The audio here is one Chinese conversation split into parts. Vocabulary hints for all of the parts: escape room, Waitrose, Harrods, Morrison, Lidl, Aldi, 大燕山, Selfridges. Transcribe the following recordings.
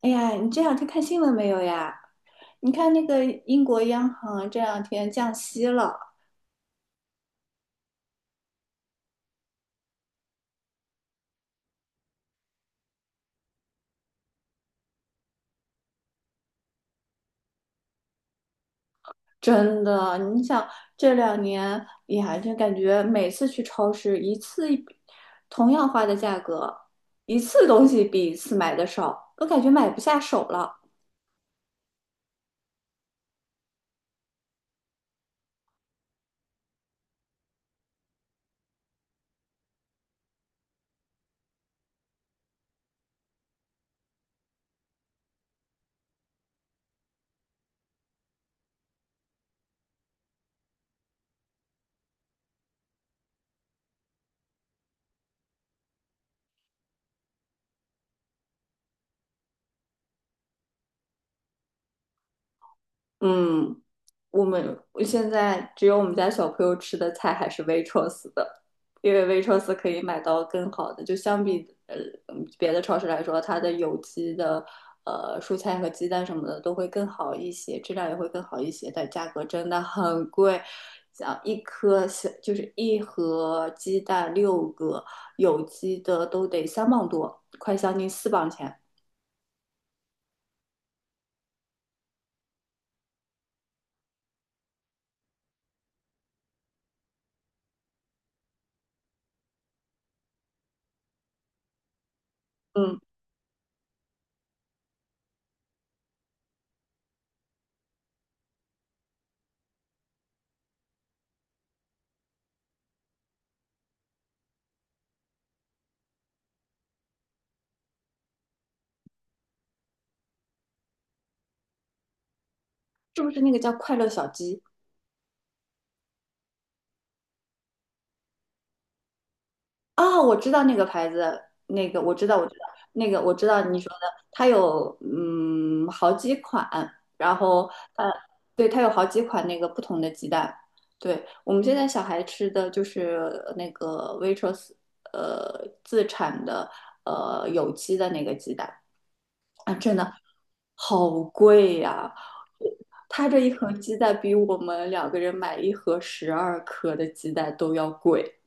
哎呀，你这两天看新闻没有呀？你看那个英国央行这两天降息了，真的。你想这两年，哎呀，就感觉每次去超市一次一同样花的价格，一次东西比一次买的少，都感觉买不下手了。嗯，我现在只有我们家小朋友吃的菜还是 w a i r o s 的，因为 w a i r o s 可以买到更好的，就相比别的超市来说，它的有机的蔬菜和鸡蛋什么的都会更好一些，质量也会更好一些，但价格真的很贵，像一颗小就是一盒鸡蛋6个有机的都得3磅多，快将近4磅钱。嗯，是不是那个叫快乐小鸡？哦，我知道那个牌子，那个我知道，我知道，那个我知道你说的，它有好几款，然后呃，对，它有好几款那个不同的鸡蛋。对，我们现在小孩吃的就是那个 Waitrose 自产的有机的那个鸡蛋啊，真的好贵呀、它这一盒鸡蛋比我们两个人买一盒12颗的鸡蛋都要贵。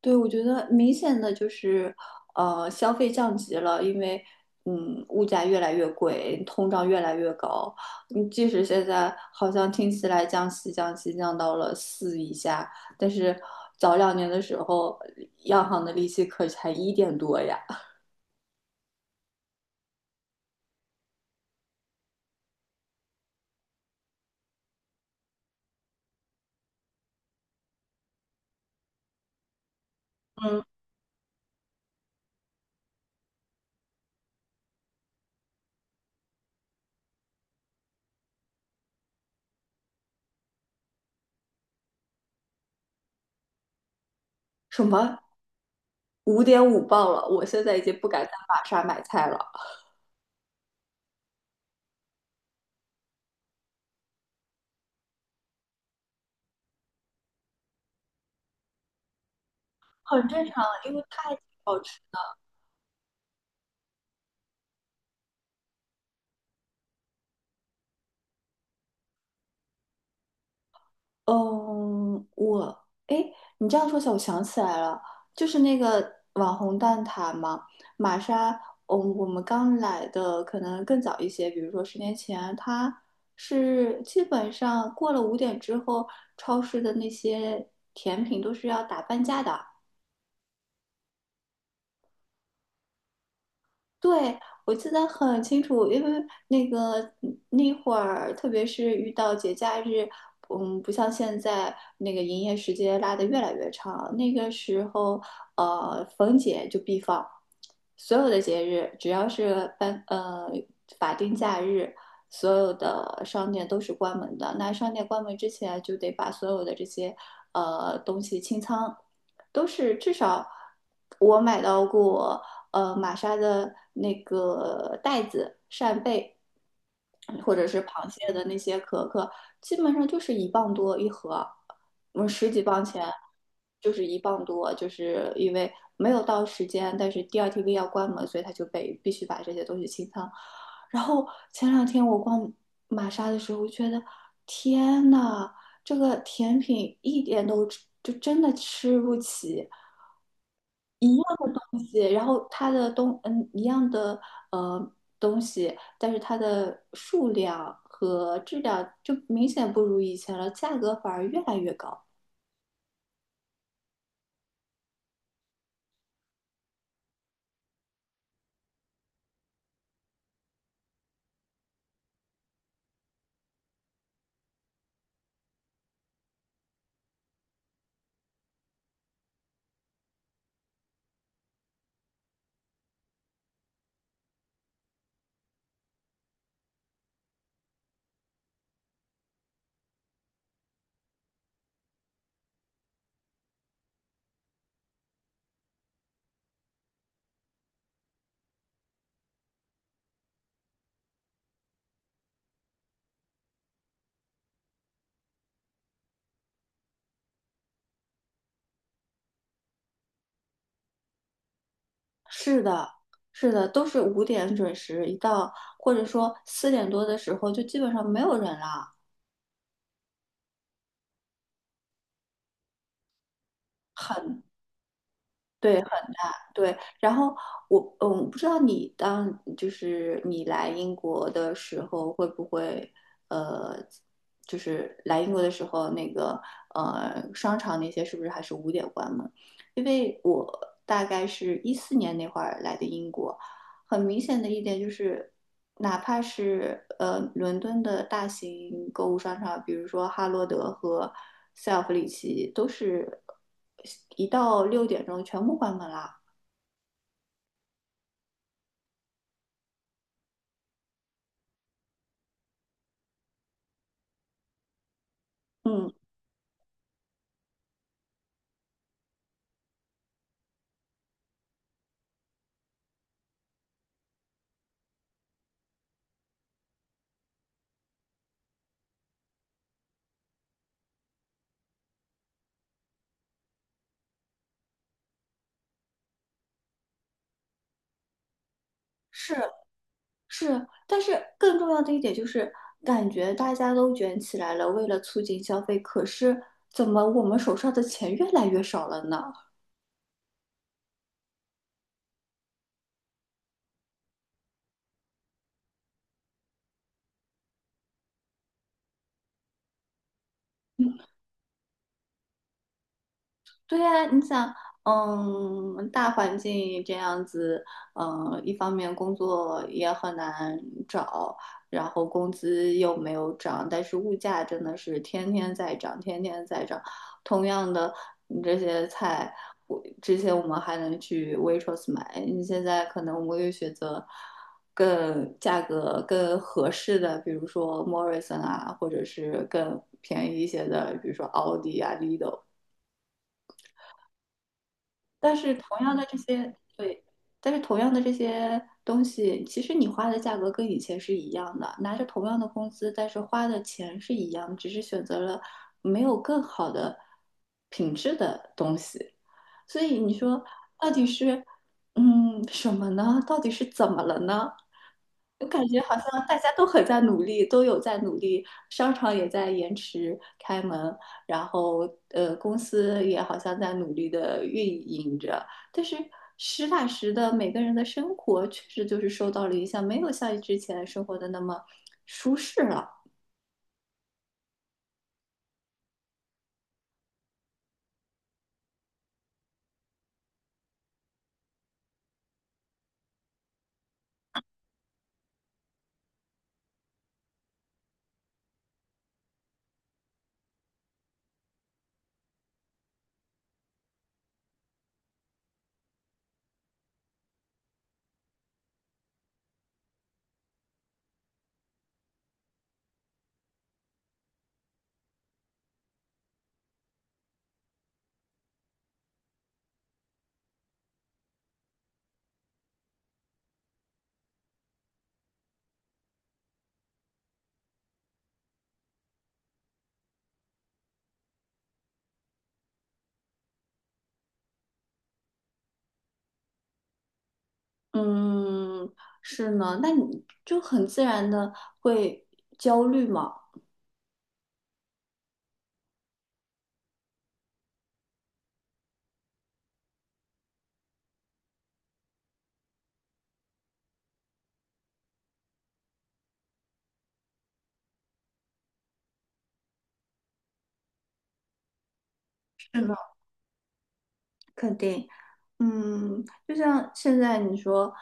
对，我觉得明显的就是，消费降级了，因为，物价越来越贵，通胀越来越高。嗯，即使现在好像听起来降息降到了4以下，但是早两年的时候，央行的利息可才1点多呀，嗯，什么5.5磅了，我现在已经不敢在玛莎买菜了。很正常，因为太好吃。嗯，诶，你这样说起来，我想起来了，就是那个网红蛋挞嘛，玛莎，我们刚来的可能更早一些，比如说10年前，它是基本上过了五点之后，超市的那些甜品都是要打半价的。对，我记得很清楚，因为那个那会儿，特别是遇到节假日，不像现在那个营业时间拉得越来越长。那个时候，逢节就必放，所有的节日，只要是法定假日，所有的商店都是关门的。那商店关门之前，就得把所有的这些东西清仓。都是至少我买到过玛莎的那个袋子、扇贝，或者是螃蟹的那些壳壳，基本上就是一磅多一盒，我们十几磅钱就是一磅多，就是因为没有到时间，但是第二 TV 要关门，所以他就被必须把这些东西清仓。然后前两天我逛玛莎的时候，我觉得天呐，这个甜品一点都吃就真的吃不起。一样东西，然后它的一样的呃东西，但是它的数量和质量就明显不如以前了，价格反而越来越高。是的，是的，都是五点准时，一到或者说4点多的时候，就基本上没有人了，很。对。对，然后我，不知道就是你来英国的时候会不会呃，就是来英国的时候那个商场那些是不是还是五点关门？因为我大概是14年那会儿来的英国，很明显的一点就是，哪怕是伦敦的大型购物商场，比如说哈罗德和塞尔弗里奇，都是一到6点钟全部关门啦。嗯，是是，但是更重要的一点就是，感觉大家都卷起来了，为了促进消费，可是怎么我们手上的钱越来越少了呢？对呀，你想，大环境这样子，一方面工作也很难找，然后工资又没有涨，但是物价真的是天天在涨，天天在涨。同样的，你这些菜，我之前我们还能去 Waitrose 买，你现在可能我们又选择更价格更合适的，比如说 Morrison 啊，或者是更便宜一些的，比如说 Aldi 啊、Lidl。但是同样的这些，对，但是同样的这些东西，其实你花的价格跟以前是一样的，拿着同样的工资，但是花的钱是一样，只是选择了没有更好的品质的东西。所以你说到底是什么呢？到底是怎么了呢？我感觉好像大家都很在努力，都有在努力，商场也在延迟开门，然后公司也好像在努力的运营着。但是实打实的，每个人的生活确实就是受到了影响，没有像之前生活的那么舒适了。嗯，是呢，那你就很自然的会焦虑嘛？是呢，肯定。嗯，就像现在你说。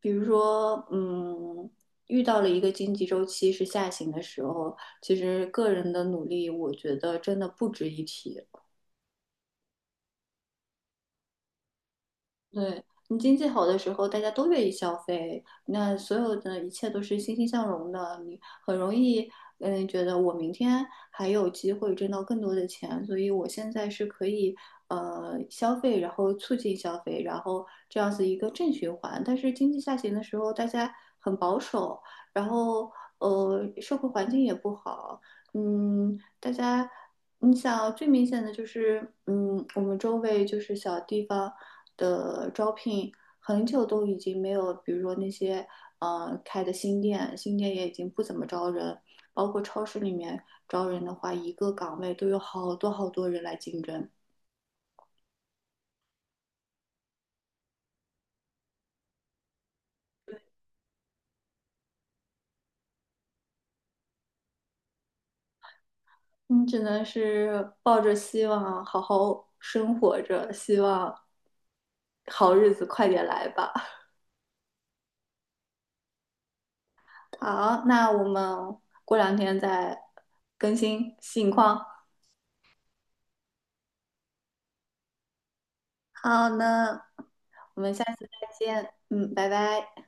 比如说，遇到了一个经济周期是下行的时候，其实个人的努力，我觉得真的不值一提。对，你经济好的时候，大家都愿意消费，那所有的一切都是欣欣向荣的，你很容易，觉得我明天还有机会挣到更多的钱，所以我现在是可以，消费，然后促进消费，然后这样子一个正循环。但是经济下行的时候，大家很保守，然后，社会环境也不好，嗯，大家。你想最明显的就是，我们周围就是小地方的招聘，很久都已经没有，比如说那些开的新店，新店也已经不怎么招人，包括超市里面招人的话，一个岗位都有好多好多人来竞争，你只能是抱着希望好好生活着，希望好日子快点来吧。好，那我们过两天再更新近况。好呢，我们下次再见。嗯，拜拜。